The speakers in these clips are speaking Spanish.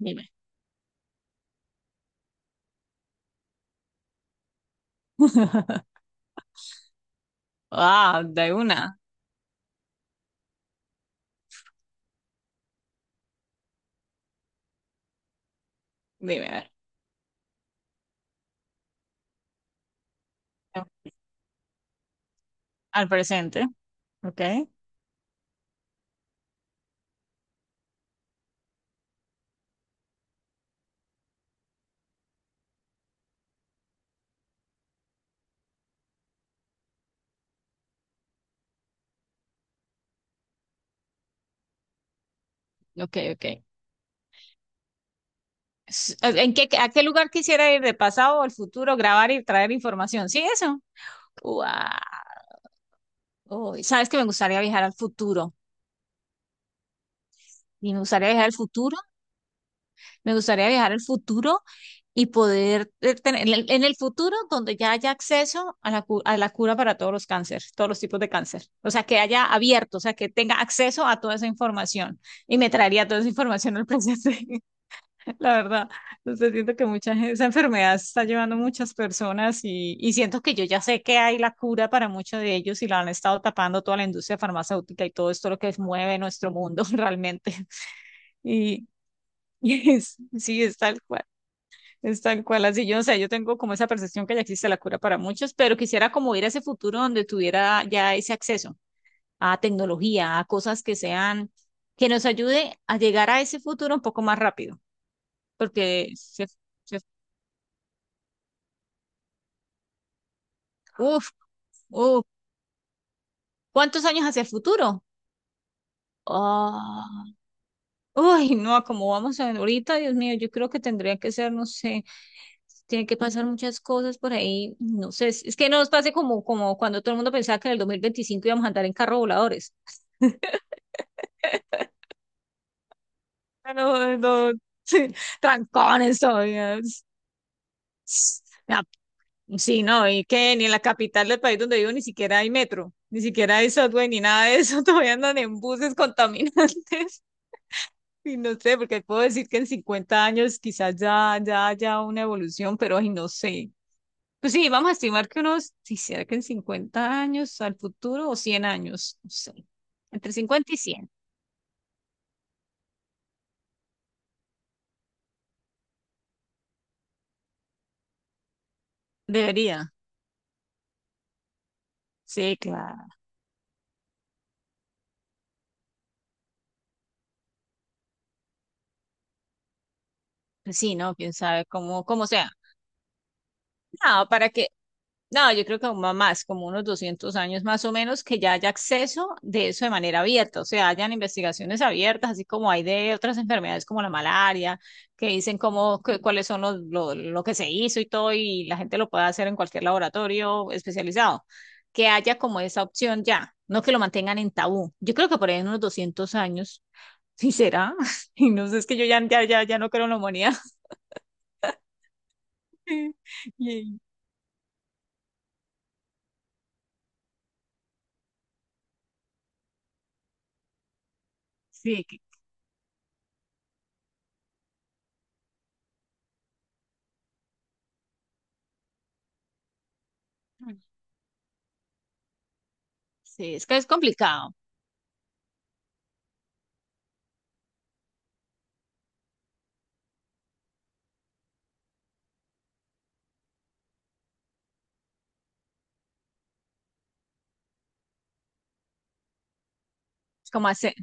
Dime. Ah, de una. Dime, a ver. Al presente, ¿ok? Ok, ok. ¿A qué lugar quisiera ir de pasado o al futuro, grabar y traer información? ¿Sí, eso? Guau. Uy, ¿sabes que me gustaría viajar al futuro? Y me gustaría viajar al futuro. Me gustaría viajar al futuro y poder tener en el futuro donde ya haya acceso a la cura para todos los cánceres, todos los tipos de cáncer. O sea, que haya abierto, o sea, que tenga acceso a toda esa información. Y me traería toda esa información al presente, la verdad. Entonces siento que mucha gente, esa enfermedad se está llevando muchas personas y siento que yo ya sé que hay la cura para muchos de ellos y la han estado tapando toda la industria farmacéutica y todo esto lo que mueve nuestro mundo realmente. Y, sí, es tal cual. Es tal cual, así yo, no sé, yo tengo como esa percepción que ya existe la cura para muchos, pero quisiera como ir a ese futuro donde tuviera ya ese acceso a tecnología, a cosas que sean, que nos ayude a llegar a ese futuro un poco más rápido, porque, se, se- uf, uf, ¿cuántos años hacia el futuro? Ah, uy, no, como vamos a ver ahorita, Dios mío, yo creo que tendría que ser, no sé, tiene que pasar muchas cosas por ahí, no sé, es que no nos pase como cuando todo el mundo pensaba que en el 2025 íbamos a andar en carro voladores. Pero no, sí, trancones todavía. Ya, sí, no, y que ni en la capital del país donde vivo ni siquiera hay metro, ni siquiera hay subway, ni nada de eso, todavía andan en buses contaminantes. Y no sé, porque puedo decir que en 50 años quizás ya haya una evolución, pero ay, no sé. Pues sí, vamos a estimar que unos, si será que en 50 años al futuro o 100 años, no sé. Entre 50 y 100. Debería. Sí, claro. Pues sí, ¿no? Quién sabe, cómo sea. No, para que, no, yo creo que aún va más, como unos 200 años más o menos, que ya haya acceso de eso de manera abierta, o sea, hayan investigaciones abiertas, así como hay de otras enfermedades como la malaria, que dicen cómo, cuáles son lo que se hizo y todo, y la gente lo puede hacer en cualquier laboratorio especializado, que haya como esa opción ya, no que lo mantengan en tabú. Yo creo que por ahí en unos 200 años, sí será, y no sé, es que yo ya no creo en la humanidad. Y- Sí, Sí, es que es complicado, es como, hace,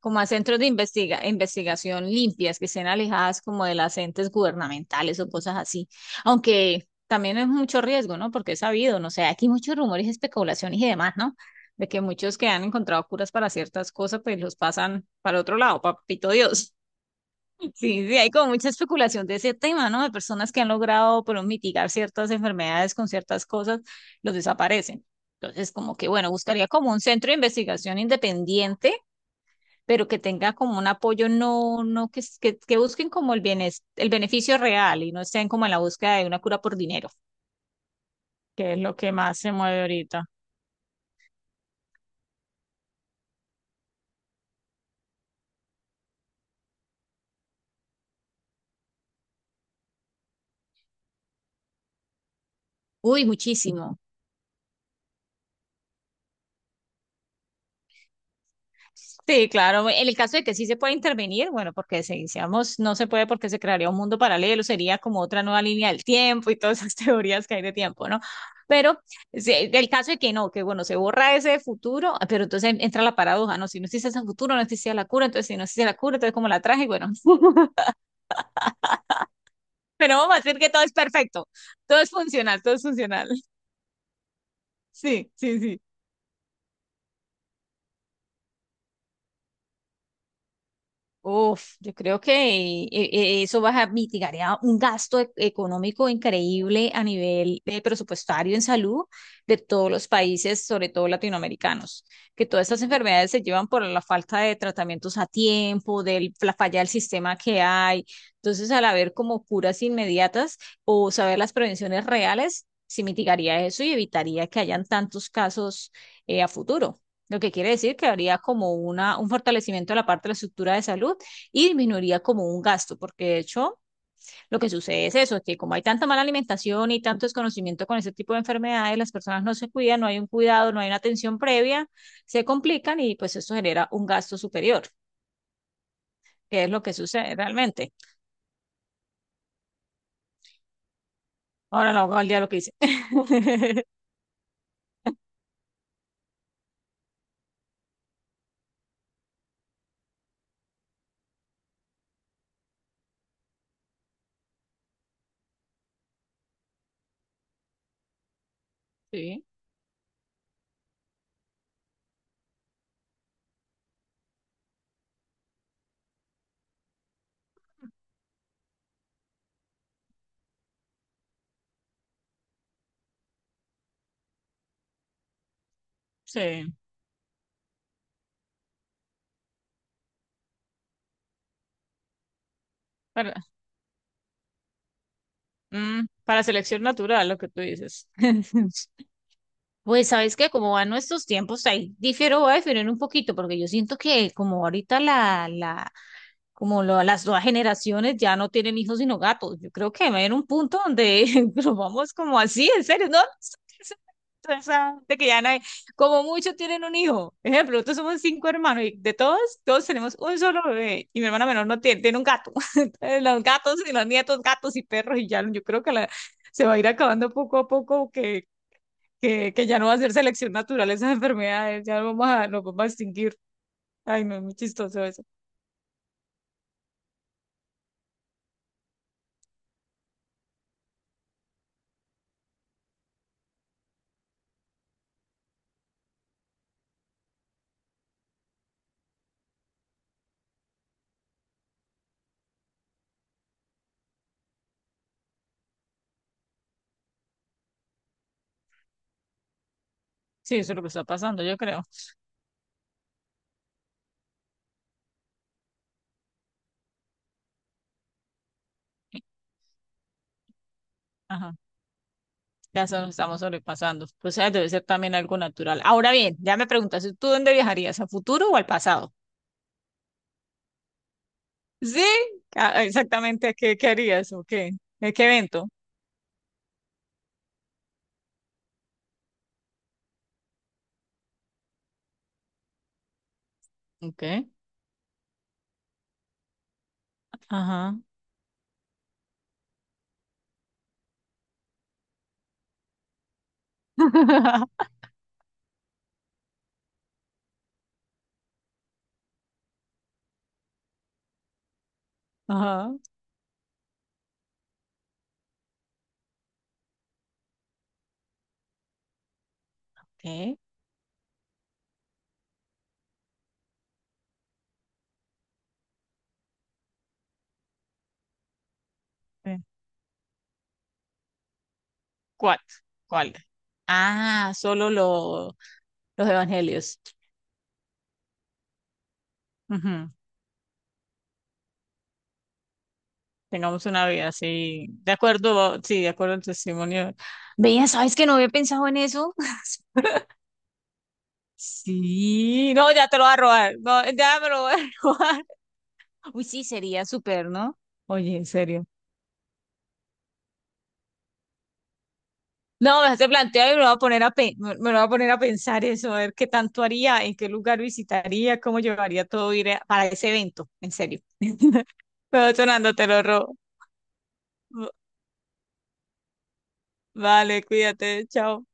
como a centros de investigación limpias, que estén alejadas como de las entes gubernamentales o cosas así, aunque también es mucho riesgo, ¿no? Porque es sabido, no sé, aquí muchos rumores, especulaciones y demás, ¿no? De que muchos que han encontrado curas para ciertas cosas, pues los pasan para otro lado, papito Dios. Sí, sí, hay como mucha especulación de ese tema, ¿no? De personas que han logrado, pero mitigar ciertas enfermedades con ciertas cosas, los desaparecen. Entonces, como que, bueno, buscaría como un centro de investigación independiente, pero que tenga como un apoyo, no, no, que busquen como el beneficio real y no estén como en la búsqueda de una cura por dinero, que es lo que más se mueve ahorita. Uy, muchísimo. Sí, claro. En el caso de que sí se pueda intervenir, bueno, porque si decíamos no se puede porque se crearía un mundo paralelo, sería como otra nueva línea del tiempo y todas esas teorías que hay de tiempo, ¿no? Pero sí, el caso de que no, que bueno, se borra ese futuro, pero entonces entra la paradoja, ¿no? Si no existe ese futuro, no existía la cura, entonces si no existe la cura, entonces ¿como la traje? Y bueno, pero vamos a decir que todo es perfecto, todo es funcional, todo es funcional. Sí, sí, sí. Uf, yo creo que eso va a mitigar ya un gasto económico increíble a nivel presupuestario en salud de todos los países, sobre todo latinoamericanos, que todas estas enfermedades se llevan por la falta de tratamientos a tiempo, de la falla del sistema que hay. Entonces, al haber como curas inmediatas o saber las prevenciones reales, se mitigaría eso y evitaría que hayan tantos casos a futuro. Lo que quiere decir que habría como un fortalecimiento de la parte de la estructura de salud y disminuiría como un gasto, porque de hecho lo que sucede es eso, que como hay tanta mala alimentación y tanto desconocimiento con ese tipo de enfermedades, las personas no se cuidan, no hay un cuidado, no hay una atención previa, se complican y pues eso genera un gasto superior, que es lo que sucede realmente. Ahora no hago al día lo que hice. Sí, sí. Para, para selección natural, lo que tú dices. Pues sabes que como van nuestros tiempos, ahí difiero, voy a diferir un poquito, porque yo siento que como ahorita como las nuevas generaciones ya no tienen hijos sino gatos. Yo creo que va a haber un punto donde nos vamos como así, en serio, no, toda esa gente que ya no hay, como muchos tienen un hijo. Ejemplo, nosotros somos cinco hermanos y de todos, todos tenemos un solo bebé y mi hermana menor no tiene, tiene un gato. Entonces, los gatos y los nietos, gatos y perros y ya, yo creo que se va a ir acabando poco a poco que ya no va a ser selección natural esas enfermedades, ya nos vamos a extinguir. Ay, no, es muy chistoso eso. Sí, eso es lo que está pasando, yo creo. Ajá. Ya se nos estamos sobrepasando. O sea, debe ser también algo natural. Ahora bien, ya me preguntas, ¿tú dónde viajarías? ¿Al futuro o al pasado? Sí, ah, exactamente. ¿Qué harías o qué? ¿A qué evento? Ok. Ajá. Ajá. ¿Qué? Eh, ¿Cuál? ¿Cuál? Ah, solo los evangelios. Ujú. Tengamos una vida así, de acuerdo, sí, de acuerdo al testimonio. Veía, ¿sabes que no había pensado en eso? Sí, no, ya te lo voy a robar, no, ya me lo voy a robar. Uy, sí, sería súper, ¿no? Oye, en serio. No, me hace plantear y me lo voy a poner a pensar eso, a ver qué tanto haría, en qué lugar visitaría, cómo llevaría todo para ese evento, en serio. Pero sonando, te lo robo. Vale, cuídate, chao.